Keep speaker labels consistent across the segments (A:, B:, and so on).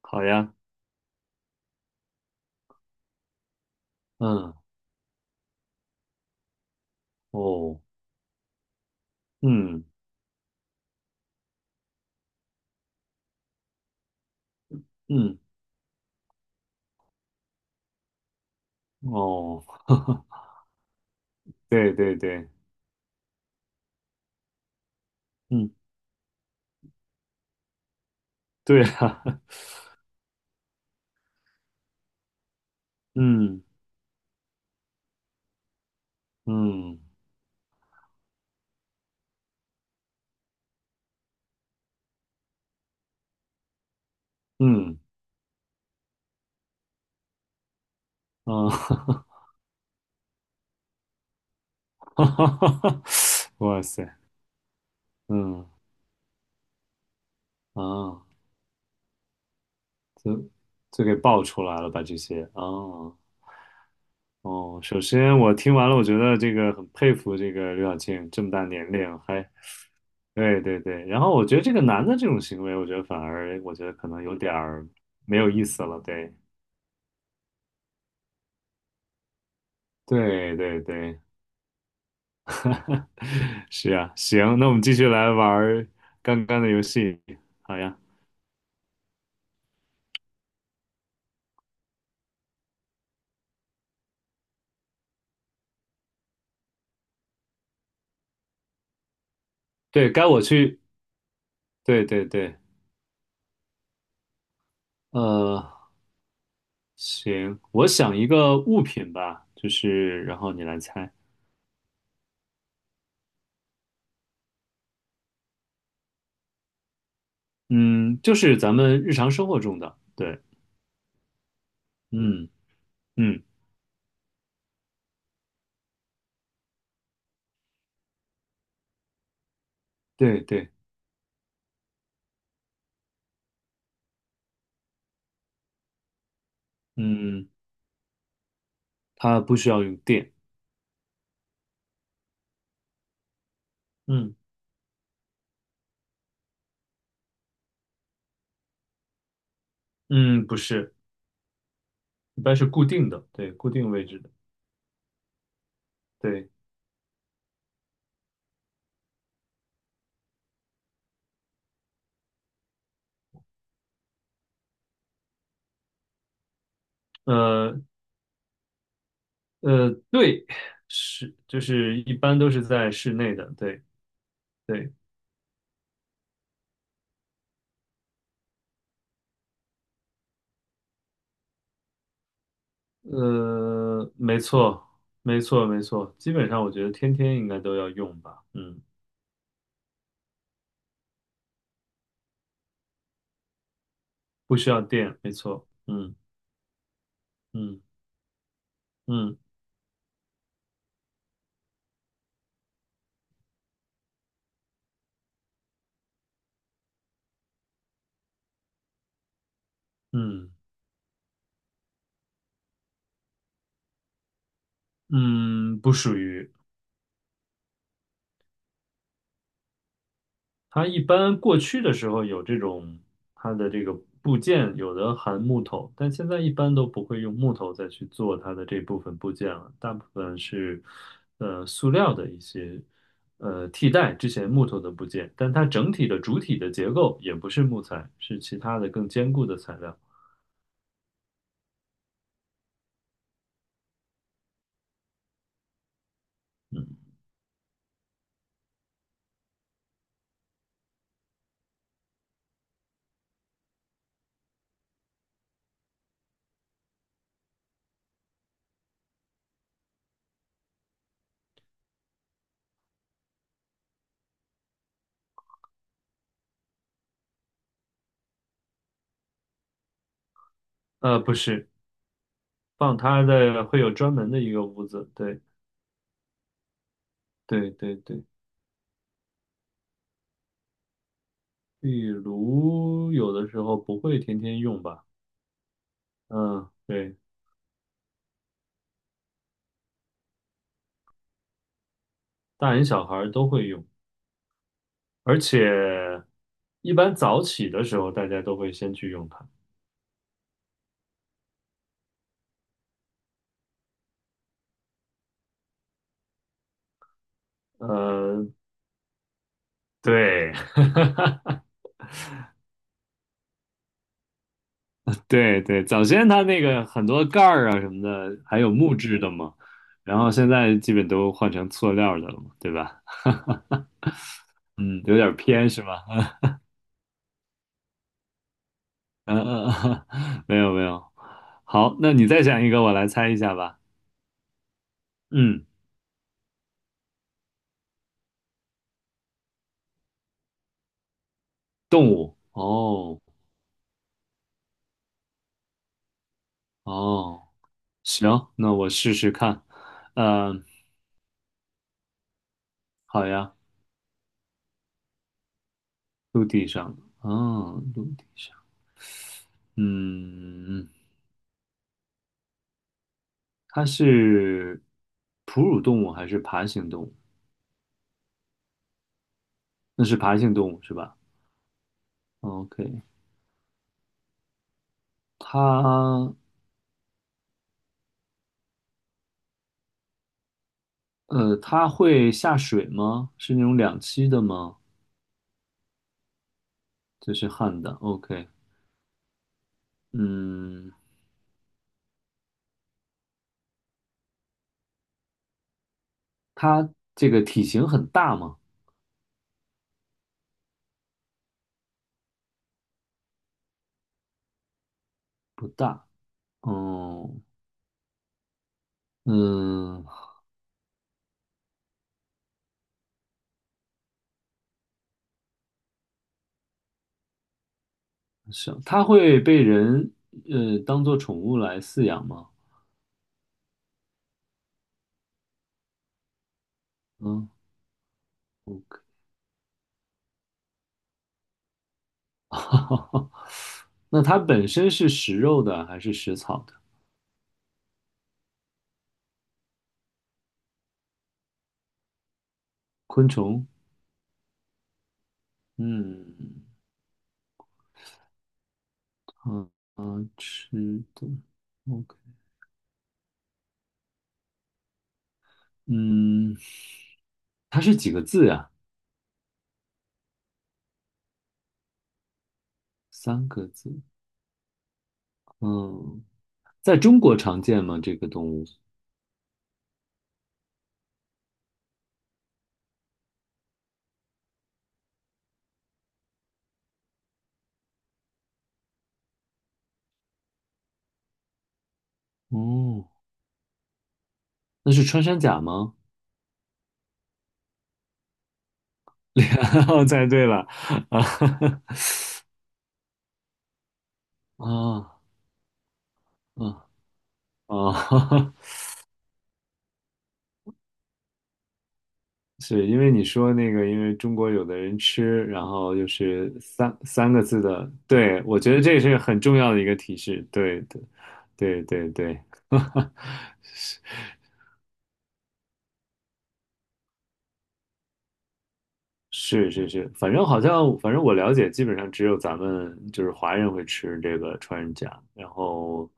A: 好呀。嗯。哦。嗯嗯。哦。对对对。嗯。对啊。嗯嗯嗯，啊。哇塞。嗯，啊，就就给爆出来了吧这些，啊，哦。哦，首先我听完了，我觉得这个很佩服这个刘晓庆这么大年龄还。对对对。然后我觉得这个男的这种行为，我觉得反而，我觉得可能有点儿没有意思了，对。对对对。是啊，行，那我们继续来玩儿刚刚的游戏。好呀。对，该我去。对对对。呃，行，我想一个物品吧，就是然后你来猜。嗯，就是咱们日常生活中的。对。嗯嗯。对对。嗯，它不需要用电。嗯嗯。不是，一般是固定的，对，固定位置的。对。呃对，是，就是一般都是在室内的。对对。没错，没错，没错，基本上我觉得天天应该都要用吧。嗯，不需要电，没错。嗯嗯嗯嗯嗯嗯。不属于。它一般过去的时候有这种，它的这个部件有的含木头，但现在一般都不会用木头再去做它的这部分部件了，大部分是塑料的一些替代之前木头的部件，但它整体的主体的结构也不是木材，是其他的更坚固的材料。嗯。不是，放它的会有专门的一个屋子，对对对对。壁炉有的时候不会天天用吧。嗯，对，大人小孩儿都会用，而且一般早起的时候大家都会先去用它。呃，对， 对对，早先它那个很多盖儿啊什么的，还有木质的嘛，然后现在基本都换成塑料的了嘛，对吧？嗯，有点偏是吧？嗯嗯嗯。没有没有。好，那你再讲一个，我来猜一下吧。嗯，动物。哦哦。行，那我试试看。嗯、好呀。陆地上，啊，哦，陆地上，嗯，它是哺乳动物还是爬行动物？那是爬行动物是吧？OK。它它会下水吗？是那种两栖的吗？这是旱的，OK。嗯，它这个体型很大吗？不大，哦。嗯，是。它会被人当做宠物来饲养吗？嗯，OK。那它本身是食肉的还是食草的？昆虫。嗯，啊啊，吃的，OK。嗯，它是几个字呀？三个字。嗯，在中国常见吗？这个动物？哦，那是穿山甲吗？猜对了。啊啊啊啊 是因为你说那个，因为中国有的人吃，然后就是三个字的，对，我觉得这是很重要的一个提示，对对对对对。是是是，反正好像反正我了解，基本上只有咱们就是华人会吃这个穿山甲。然后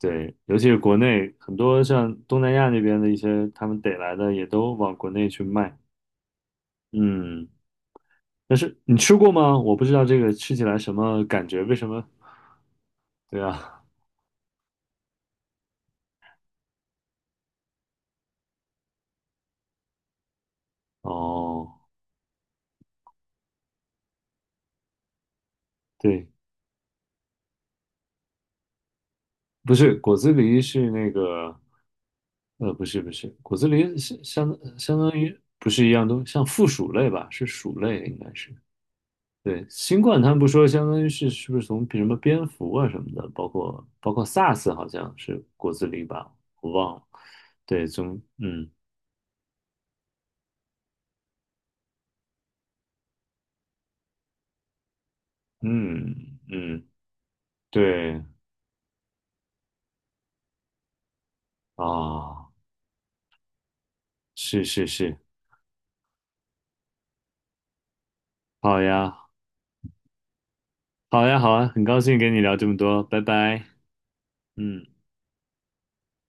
A: 对，尤其是国内很多像东南亚那边的一些他们逮来的也都往国内去卖。嗯。但是你吃过吗？我不知道这个吃起来什么感觉，为什么？对啊，哦，对，不是果子狸是那个。不是不是，果子狸相当于不是一样东，像附属类吧，是鼠类应该是。对，新冠他们不说，相当于是是不是从比什么蝙蝠啊什么的，包括 SARS 好像是果子狸吧，我忘了。对，从，嗯嗯嗯。对啊，是是是。好呀，好呀，好啊，很高兴跟你聊这么多，拜拜。嗯。